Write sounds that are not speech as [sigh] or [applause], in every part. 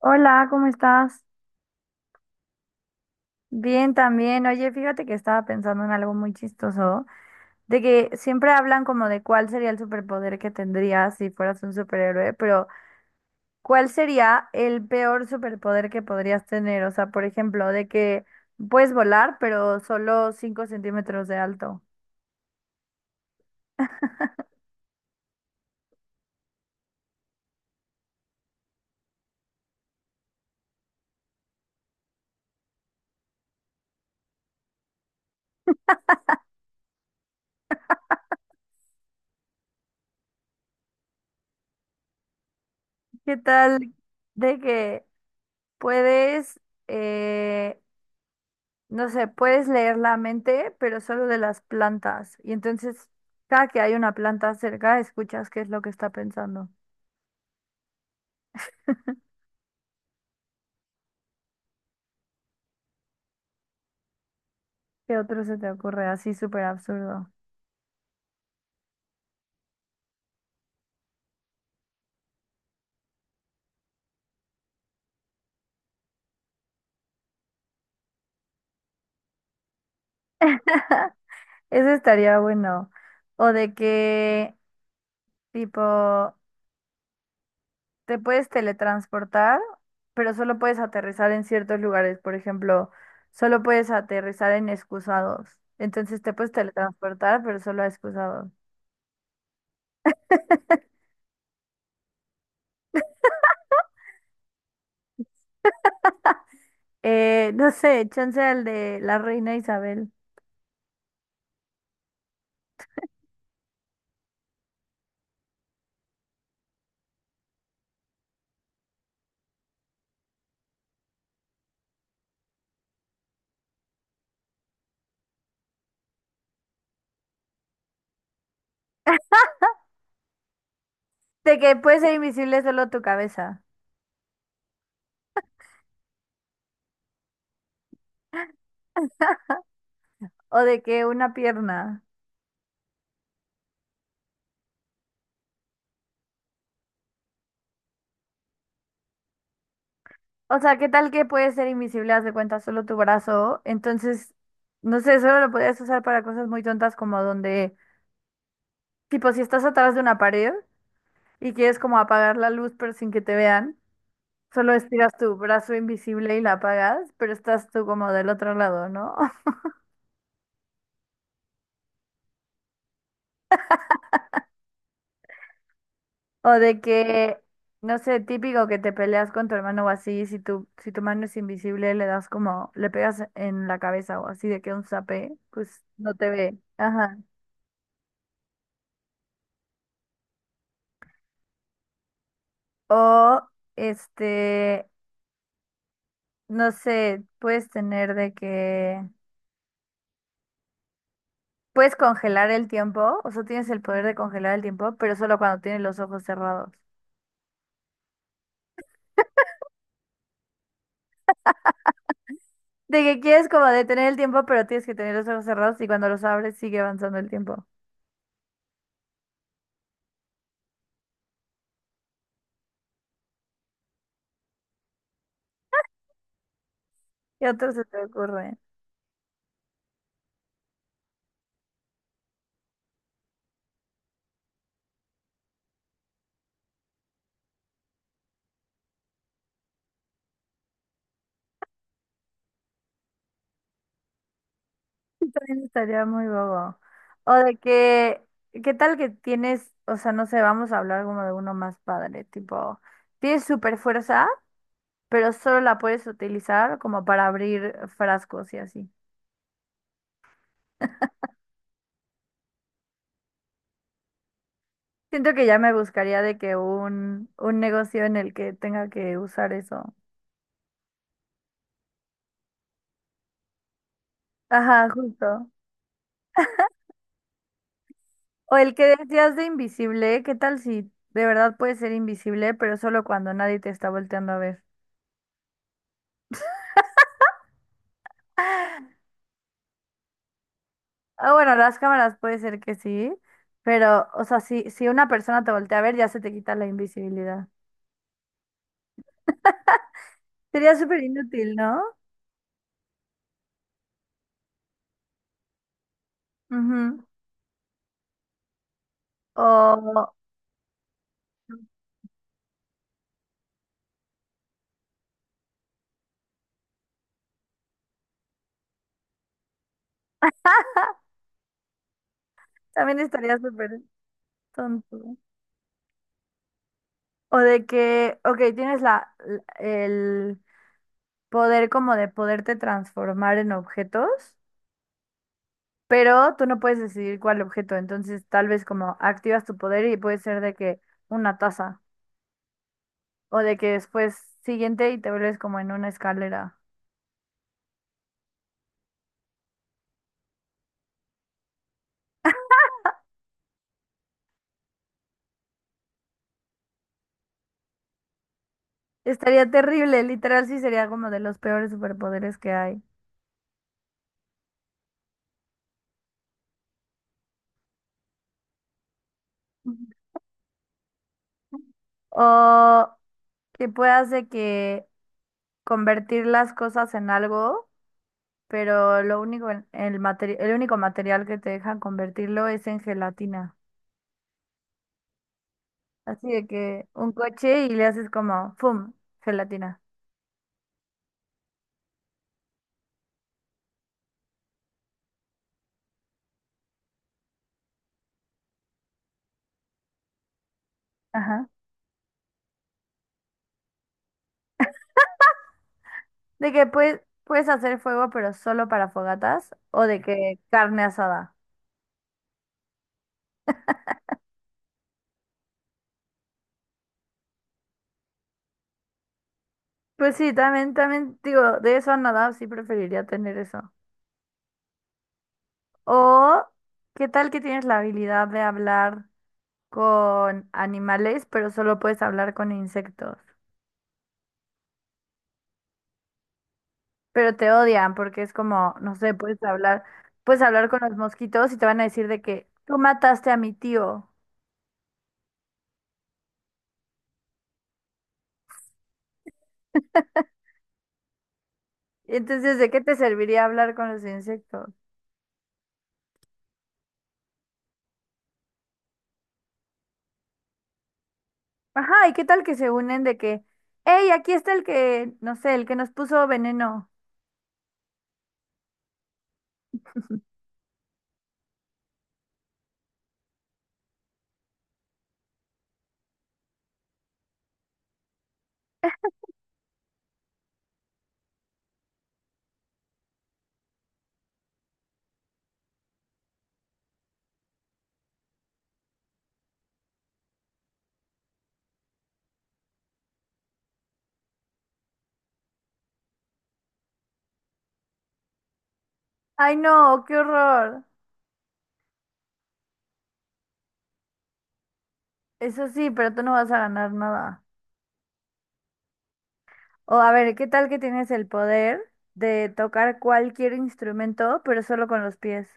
Hola, ¿cómo estás? Bien también. Oye, fíjate que estaba pensando en algo muy chistoso, de que siempre hablan como de cuál sería el superpoder que tendrías si fueras un superhéroe, pero ¿cuál sería el peor superpoder que podrías tener? O sea, por ejemplo, de que puedes volar, pero solo 5 cm de alto. ¿Qué tal de que puedes, eh, no sé, puedes leer la mente, pero solo de las plantas. Y entonces, cada que hay una planta cerca, escuchas qué es lo que está pensando. [laughs] ¿Qué otro se te ocurre? Así súper absurdo. Eso estaría bueno. O de que, tipo, te puedes teletransportar, pero solo puedes aterrizar en ciertos lugares. Por ejemplo, solo puedes aterrizar en excusados. Entonces te puedes teletransportar, pero solo a excusados. [laughs] No sé, chance al de la reina Isabel. De que puede ser invisible solo tu cabeza. O de que una pierna. O sea, ¿qué tal que puede ser invisible, haz de cuenta, solo tu brazo? Entonces, no sé, solo lo podrías usar para cosas muy tontas como donde, tipo, si estás atrás de una pared y quieres como apagar la luz pero sin que te vean, solo estiras tu brazo invisible y la apagas, pero estás tú como del otro lado, ¿no? O de que, no sé, típico que te peleas con tu hermano o así, si tu mano es invisible, le das como, le pegas en la cabeza o así, de que un zape, pues no te ve. Ajá. O, este, no sé, puedes tener de que, puedes congelar el tiempo, o sea, tienes el poder de congelar el tiempo, pero solo cuando tienes los ojos cerrados. De que quieres como detener el tiempo, pero tienes que tener los ojos cerrados y cuando los abres sigue avanzando el tiempo. ¿Qué otro se te ocurre? [laughs] Sí, también estaría muy bobo. O de que, ¿qué tal que tienes, o sea, no sé, vamos a hablar como de uno más padre, tipo, tienes super fuerza, pero solo la puedes utilizar como para abrir frascos y así. Siento que ya me buscaría de que un negocio en el que tenga que usar eso. Ajá, justo. O el que decías de invisible, ¿qué tal si de verdad puedes ser invisible, pero solo cuando nadie te está volteando a ver? Ah, bueno, las cámaras puede ser que sí, pero, o sea, si una persona te voltea a ver, ya se te quita la invisibilidad. [laughs] Sería súper inútil, ¿no? Ujú. O [laughs] también estaría súper tonto. O de que, ok, tienes el poder como de poderte transformar en objetos, pero tú no puedes decidir cuál objeto. Entonces, tal vez como activas tu poder y puede ser de que una taza, o de que después siguiente y te vuelves como en una escalera. Estaría terrible, literal, sí sería como de los peores superpoderes que hay. Ujú. O que puedas de que convertir las cosas en algo, pero lo único en- el materi- el único material que te dejan convertirlo es en gelatina. Así de que un coche y le haces como, ¡fum! Gelatina. Ajá. De que puedes hacer fuego, pero solo para fogatas, o de que carne asada. Pues sí, también digo, de eso a nada, sí preferiría tener eso. O, ¿qué tal que tienes la habilidad de hablar con animales, pero solo puedes hablar con insectos? Pero te odian porque es como, no sé, puedes hablar con los mosquitos y te van a decir de que tú mataste a mi tío. Entonces, ¿de qué te serviría hablar con los insectos? Ajá, ¿y qué tal que se unen de que, hey, aquí está el que, no sé, el que nos puso veneno? Ay, no, qué horror. Eso sí, pero tú no vas a ganar nada. O a ver, ¿qué tal que tienes el poder de tocar cualquier instrumento, pero solo con los pies?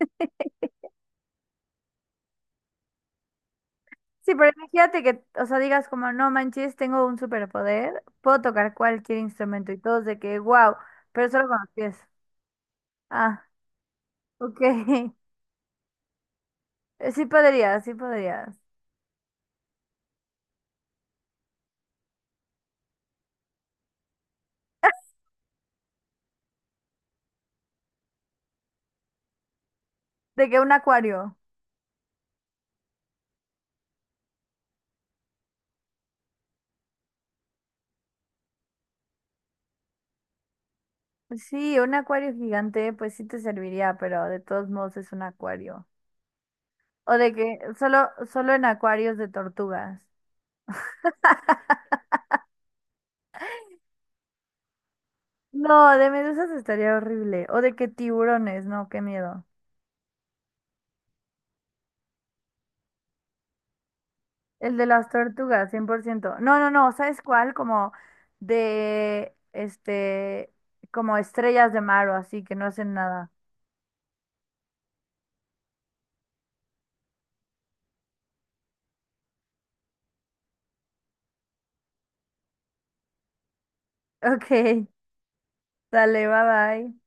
[laughs] Sí, pero imagínate que, o sea, digas como, no manches, tengo un superpoder, puedo tocar cualquier instrumento y todos de que, wow, pero solo con los pies. Ah, ok. [laughs] Sí podrías, sí podrías. De que un acuario. Sí, un acuario gigante, pues sí te serviría, pero de todos modos es un acuario. O de que solo en acuarios de tortugas. No, de medusas estaría horrible. O de que tiburones, no, qué miedo. El de las tortugas, 100%. No, no, no, ¿sabes cuál? Como de, como estrellas de mar o así, que no hacen nada. [laughs] Ok, dale, bye bye.